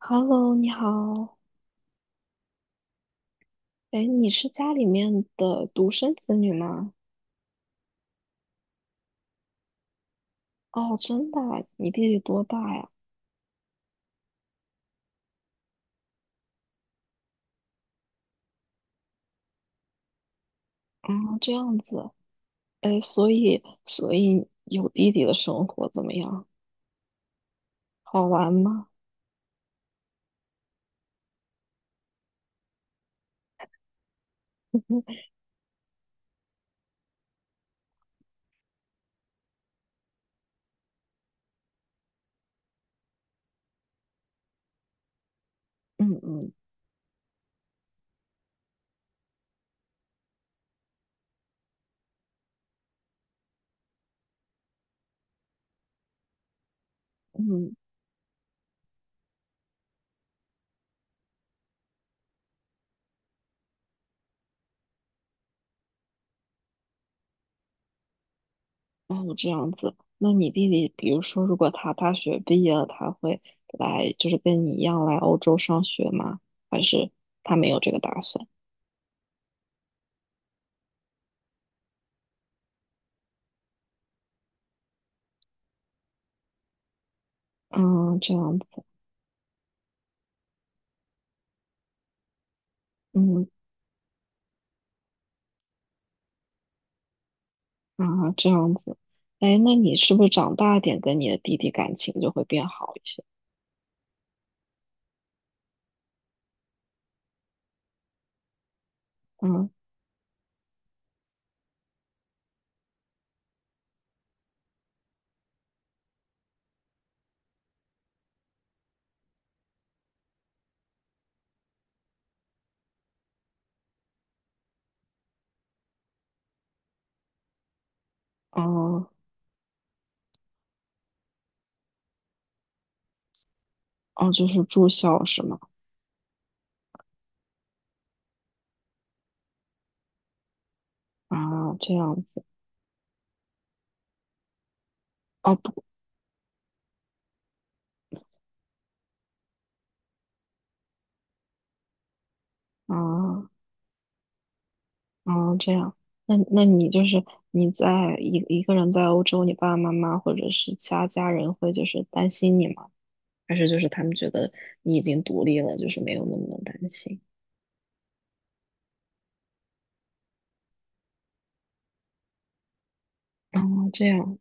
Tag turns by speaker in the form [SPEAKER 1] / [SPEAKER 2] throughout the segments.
[SPEAKER 1] Hello，你好。哎，你是家里面的独生子女吗？哦，真的啊你弟弟多大呀？啊，这样子。哎，所以，所以有弟弟的生活怎么样？好玩吗？嗯嗯嗯，哦，这样子。那你弟弟，比如说，如果他大学毕业了，他会来，就是跟你一样来欧洲上学吗？还是他没有这个打算？嗯，这样子。嗯。啊，这样子，哎，那你是不是长大点跟你的弟弟感情就会变好一些？嗯，哦，哦，就是住校是吗？啊，这样子，哦不，啊，啊，这样，那你就是你在一个人在欧洲，你爸爸妈妈或者是其他家人会就是担心你吗？还是就是他们觉得你已经独立了，就是没有那么的担心？哦，这样。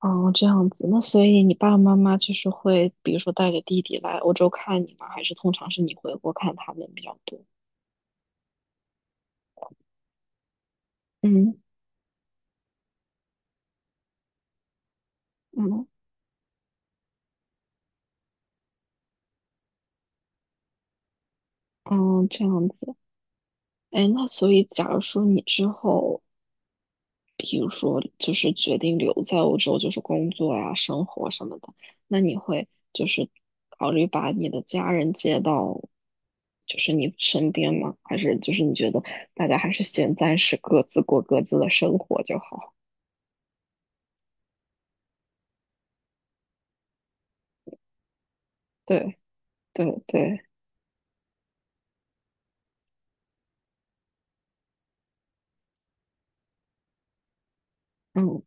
[SPEAKER 1] 哦，这样子，那所以你爸爸妈妈就是会，比如说带着弟弟来欧洲看你吗？还是通常是你回国看他们比较多？嗯嗯嗯，这样子。哎，那所以假如说你之后，比如说就是决定留在欧洲，就是工作呀、生活什么的，那你会就是考虑把你的家人接到就是你身边吗？还是就是你觉得大家还是先暂时各自过各自的生活就好？对对对。嗯，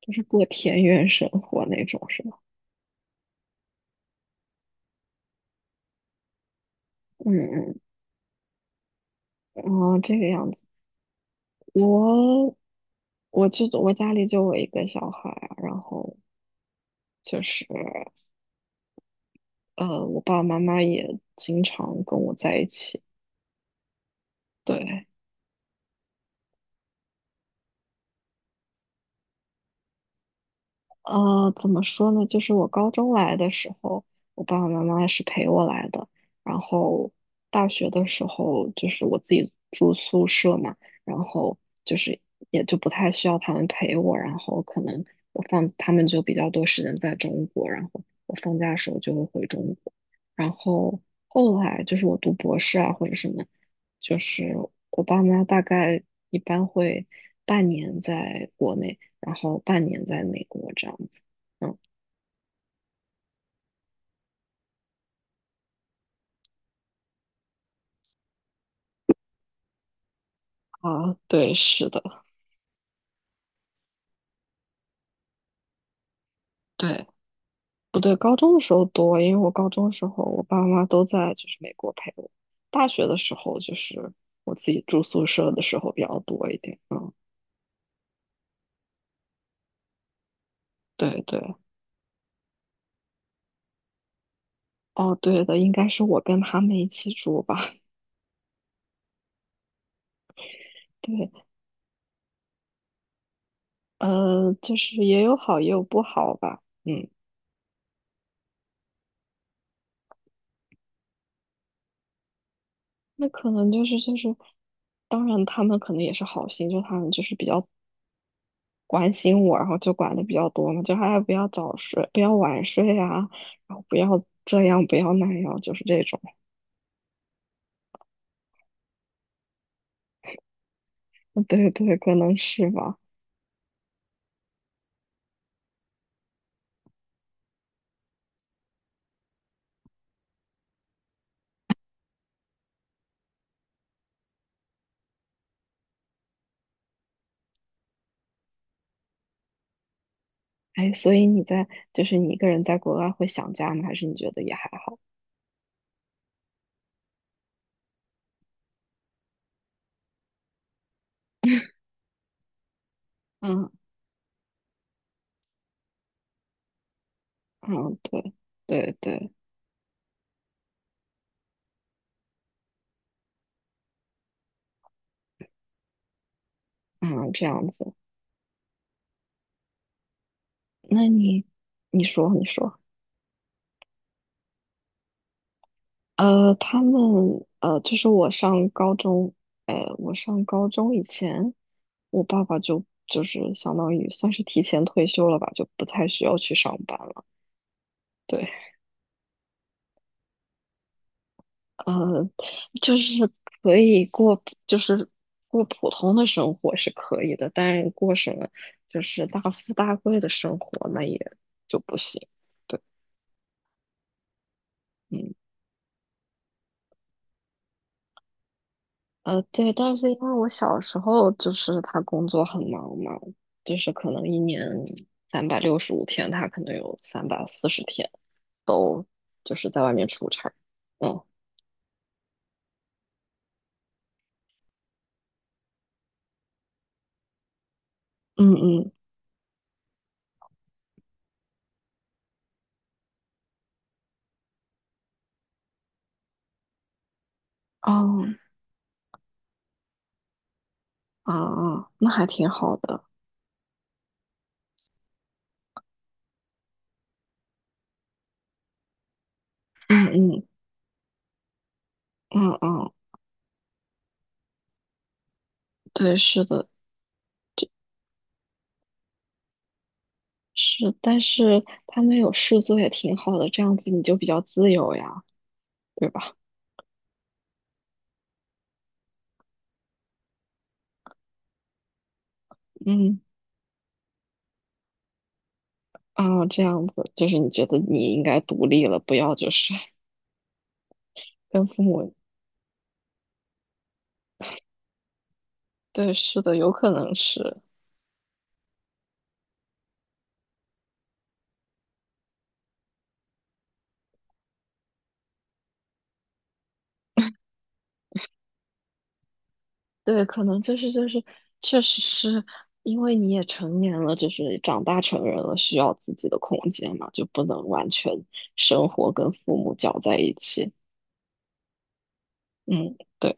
[SPEAKER 1] 就是过田园生活那种是吧？嗯嗯，哦，这个样子，我我就我家里就我一个小孩啊然后就是呃，我爸爸妈妈也经常跟我在一起，对，呃，怎么说呢？就是我高中来的时候，我爸爸妈妈是陪我来的。然后大学的时候，就是我自己住宿舍嘛，然后就是也就不太需要他们陪我。然后可能我放他们就比较多时间在中国，然后我放假的时候就会回中国。然后后来就是我读博士啊或者什么，就是我爸妈大概一般会半年在国内。然后半年在美国这样子。嗯，啊，对，是的，对，不对，高中的时候多，因为我高中的时候我爸妈都在就是美国陪我，大学的时候就是我自己住宿舍的时候比较多一点，嗯，对对，哦，对的，应该是我跟他们一起住吧，对，呃，就是也有好也有不好吧，嗯，那可能就是就是，当然他们可能也是好心，就他们就是比较关心我，然后就管的比较多嘛，就哎不要早睡，不要晚睡啊，然后不要这样，不要那样，就是这种。对对，可能是吧。哎，所以你在就是你一个人在国外会想家吗？还是你觉得也还好？嗯嗯，对对对，嗯，这样子。那你你说你说。呃，他们呃，就是我上高中，呃，我上高中以前，我爸爸就是相当于算是提前退休了吧，就不太需要去上班了。对，呃，就是可以过，就是过普通的生活是可以的，但是过什么就是大富大贵的生活那也就不行。对，嗯。呃，对，但是因为我小时候就是他工作很忙嘛，就是可能一年365天，他可能有340天都就是在外面出差。嗯嗯嗯，哦啊啊，那还挺好的。嗯嗯嗯嗯，对，是的，是，但是他们有事做也挺好的，这样子你就比较自由呀，对吧？嗯啊，这样子就是你觉得你应该独立了，不要就是 跟父母对，是的，有可能是，对，可能就是就是，确实是因为你也成年了，就是长大成人了，需要自己的空间嘛，就不能完全生活跟父母搅在一起。嗯，对，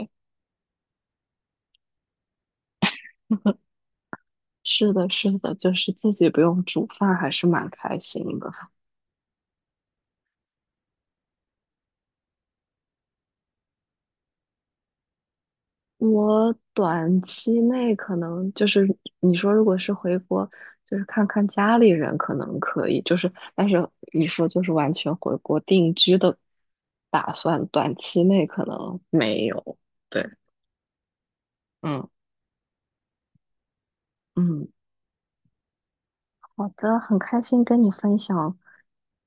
[SPEAKER 1] 是的，是的，就是自己不用煮饭，还是蛮开心的。我短期内可能就是你说，如果是回国，就是看看家里人，可能可以。就是，但是你说就是完全回国定居的打算，短期内可能没有。对，嗯嗯，好的，很开心跟你分享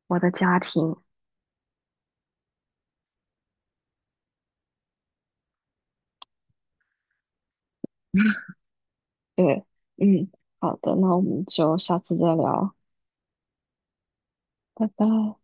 [SPEAKER 1] 我的家庭。对，嗯，好的，那我们就下次再聊，拜拜。